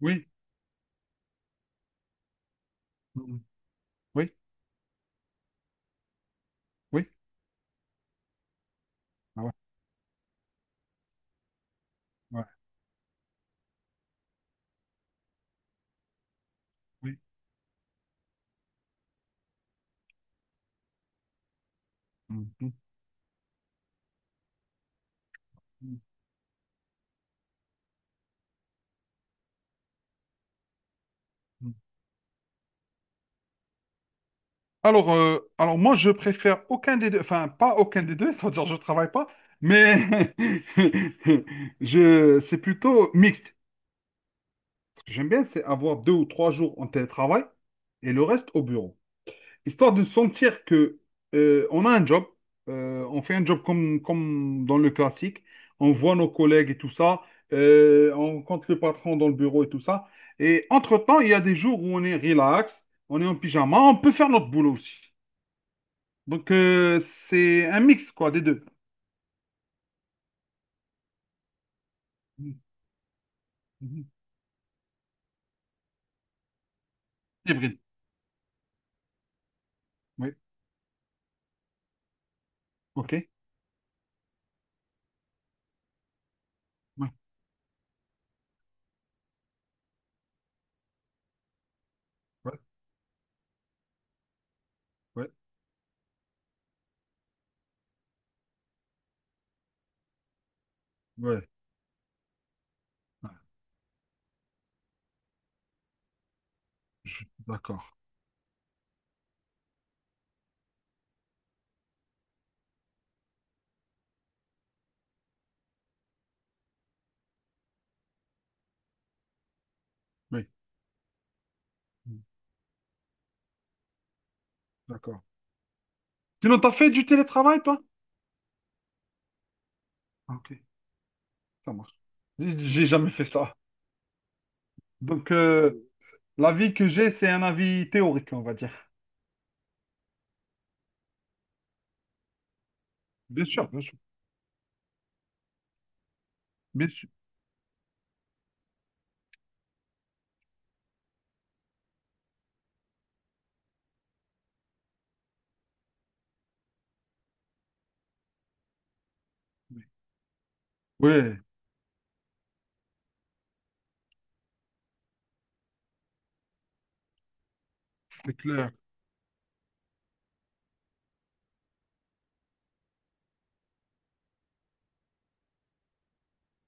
Oui, mm, oui, oui, ah ouais, ouais, oui. Mm, mm, mm, mm. Alors moi, je préfère aucun des deux, enfin, pas aucun des deux, c'est-à-dire je travaille pas, mais c'est plutôt mixte. Ce que j'aime bien, c'est avoir deux ou trois jours en télétravail et le reste au bureau. Histoire de sentir que on a un job, on fait un job comme dans le classique, on voit nos collègues et tout ça, on rencontre le patron dans le bureau et tout ça. Et entre-temps, il y a des jours où on est relax, on est en pyjama, on peut faire notre boulot aussi. Donc c'est un mix quoi des deux. Mhm, mhm. Hybride. Oui. OK. Ouais. Ouais. Ouais. Ouais. Ouais. D'accord. Oui. Mhm. D'accord. Sinon, t'as fait du télétravail, toi? Ah, OK, ça marche. J'ai jamais fait ça. Donc, l'avis que j'ai, c'est un avis théorique, on va dire. Bien sûr, bien sûr, bien sûr. Oui, c'est clair.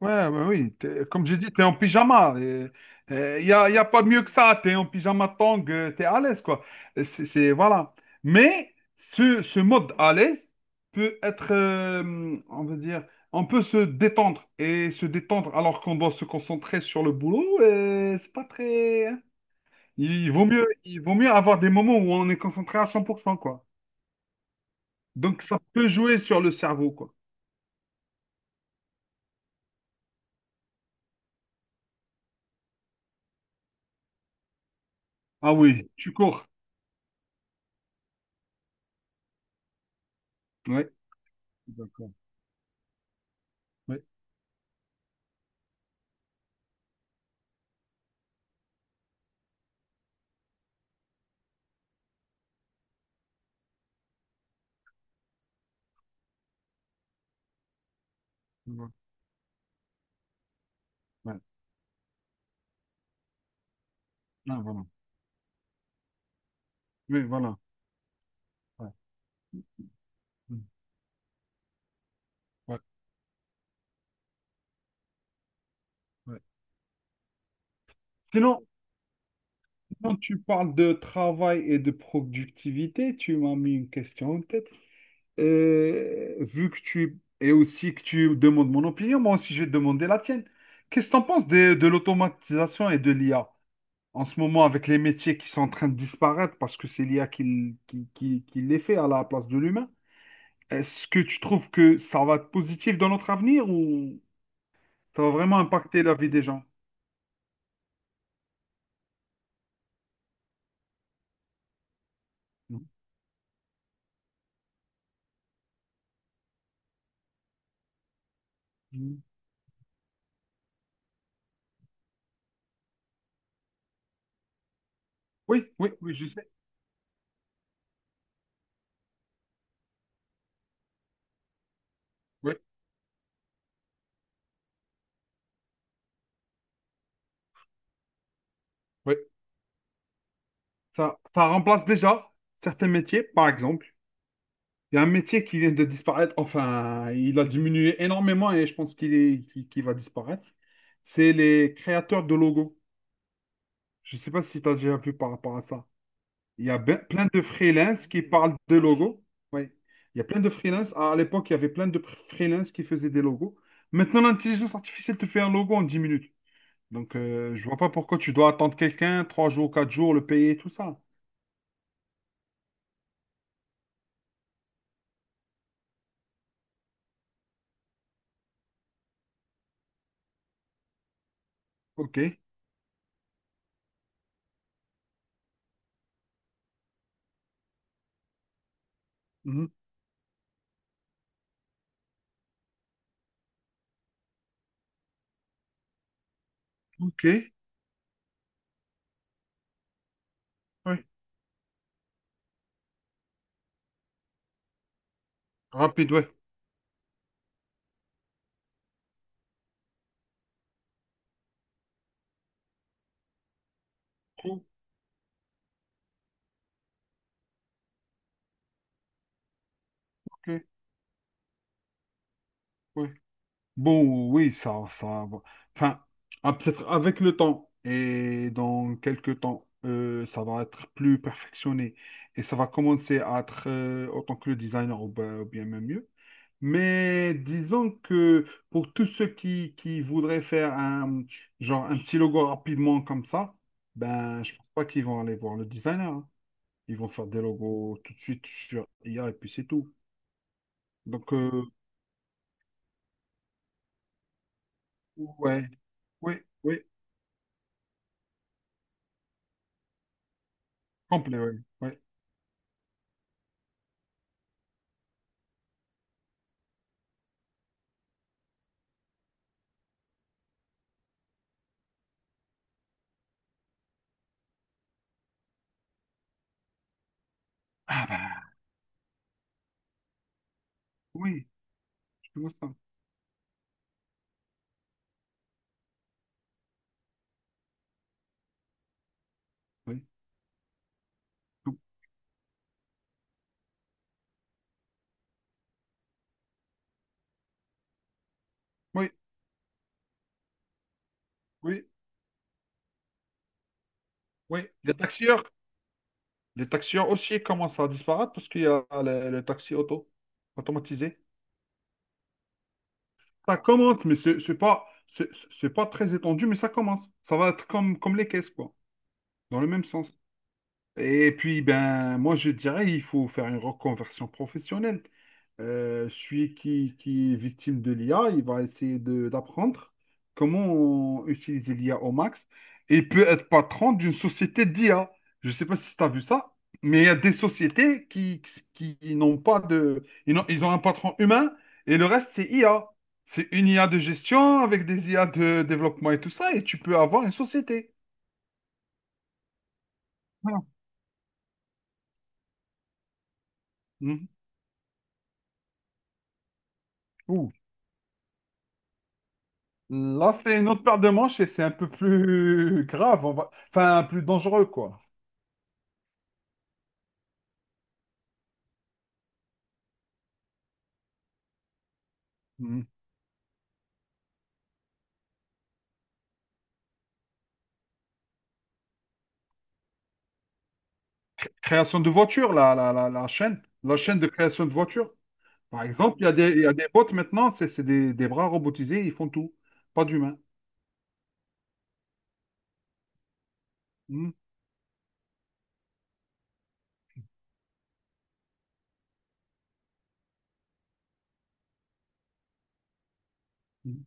Ouais, ouais, oui. Comme j'ai dit, t'es en pyjama. Y a pas mieux que ça. T'es en pyjama tong, tu es à l'aise, quoi. Et voilà. Mais ce mode à l'aise peut être, on va dire, on peut se détendre. Et se détendre alors qu'on doit se concentrer sur le boulot, c'est pas très, hein. Il vaut mieux avoir des moments où on est concentré à 100%, quoi. Donc, ça peut jouer sur le cerveau, quoi. Ah oui, tu cours. Oui, d'accord. Oui, voilà. Ouais. Ah, voilà. Oui, voilà. Ouais. Mm. Ouais. Ouais. Sinon, quand tu parles de travail et de productivité, tu m'as mis une question en tête. Et aussi que tu demandes mon opinion, moi aussi je vais te demander la tienne. Qu'est-ce que tu en penses de l'automatisation et de l'IA? En ce moment avec les métiers qui sont en train de disparaître parce que c'est l'IA qui, l- qui les fait à la place de l'humain. Est-ce que tu trouves que ça va être positif dans notre avenir ou ça va vraiment impacter la vie des gens? Non. Mm. Oui, oui, oui, je sais. Oui, oui. Ça remplace déjà certains métiers, par exemple. Il y a un métier qui vient de disparaître, enfin, il a diminué énormément et je pense qu'il est, qu'il qu'il va disparaître. C'est les créateurs de logos. Je ne sais pas si tu as déjà vu par rapport à ça. Il y a plein de freelance qui parlent de logos. Oui. Il y a plein de freelance. À l'époque, il y avait plein de freelance qui faisaient des logos. Maintenant, l'intelligence artificielle te fait un logo en 10 minutes. Donc, je vois pas pourquoi tu dois attendre quelqu'un 3 jours, 4 jours, le payer, tout ça. OK. Mhm. OK. Ouais. Rapide, ouais. Cool. OK. Ouais. Bon, oui, ça va. Enfin, ah, peut-être avec le temps et dans quelques temps, ça va être plus perfectionné et ça va commencer à être autant que le designer ou bien même mieux. Mais disons que pour tous ceux qui voudraient faire genre un petit logo rapidement comme ça, ben, je pense pas qu'ils vont aller voir le designer, hein. Ils vont faire des logos tout de suite sur IA et puis c'est tout. Donc, ouais, oui, oui, complet, oui. Oui. Ah bah oui, je vois ça. Oui, tout- oui, oui. Oui. Les taxieurs aussi commencent à disparaître parce qu'il y a le taxi automatisé. Ça commence, mais c'est pas très étendu, mais ça commence. Ça va être comme les caisses quoi, dans le même sens. Et puis, ben, moi, je dirais il faut faire une reconversion professionnelle. Celui qui est victime de l'IA, il va essayer d'apprendre comment utiliser l'IA au max. Et il peut être patron d'une société d'IA. Je ne sais pas si tu as vu ça, mais il y a des sociétés n'ont pas de. Ils ont, un patron humain et le reste, c'est IA. C'est une IA de gestion avec des IA de développement et tout ça, et tu peux avoir une société. Voilà. Mhm. Là, c'est une autre paire de manches et c'est un peu plus grave, enfin plus dangereux, quoi. Mhm. Création de voitures, la chaîne de création de voitures. Par exemple, il y a des bots maintenant, c'est des bras robotisés, ils font tout, pas d'humains. Mhm. Mhm.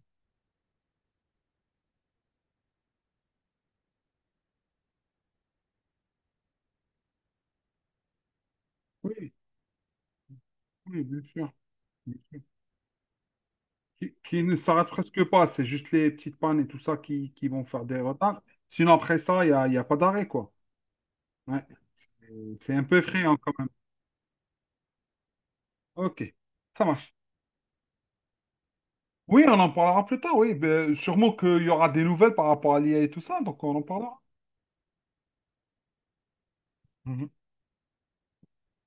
Oui, oui, bien sûr. Bien sûr. Qui ne s'arrêtent presque pas, c'est juste les petites pannes et tout ça qui vont faire des retards. Sinon, après ça, il y a pas d'arrêt, quoi. Ouais. C'est un peu effrayant quand même. OK, ça marche. Oui, on en parlera plus tard, oui. Ben, sûrement qu'il y aura des nouvelles par rapport à l'IA et tout ça, donc on en parlera.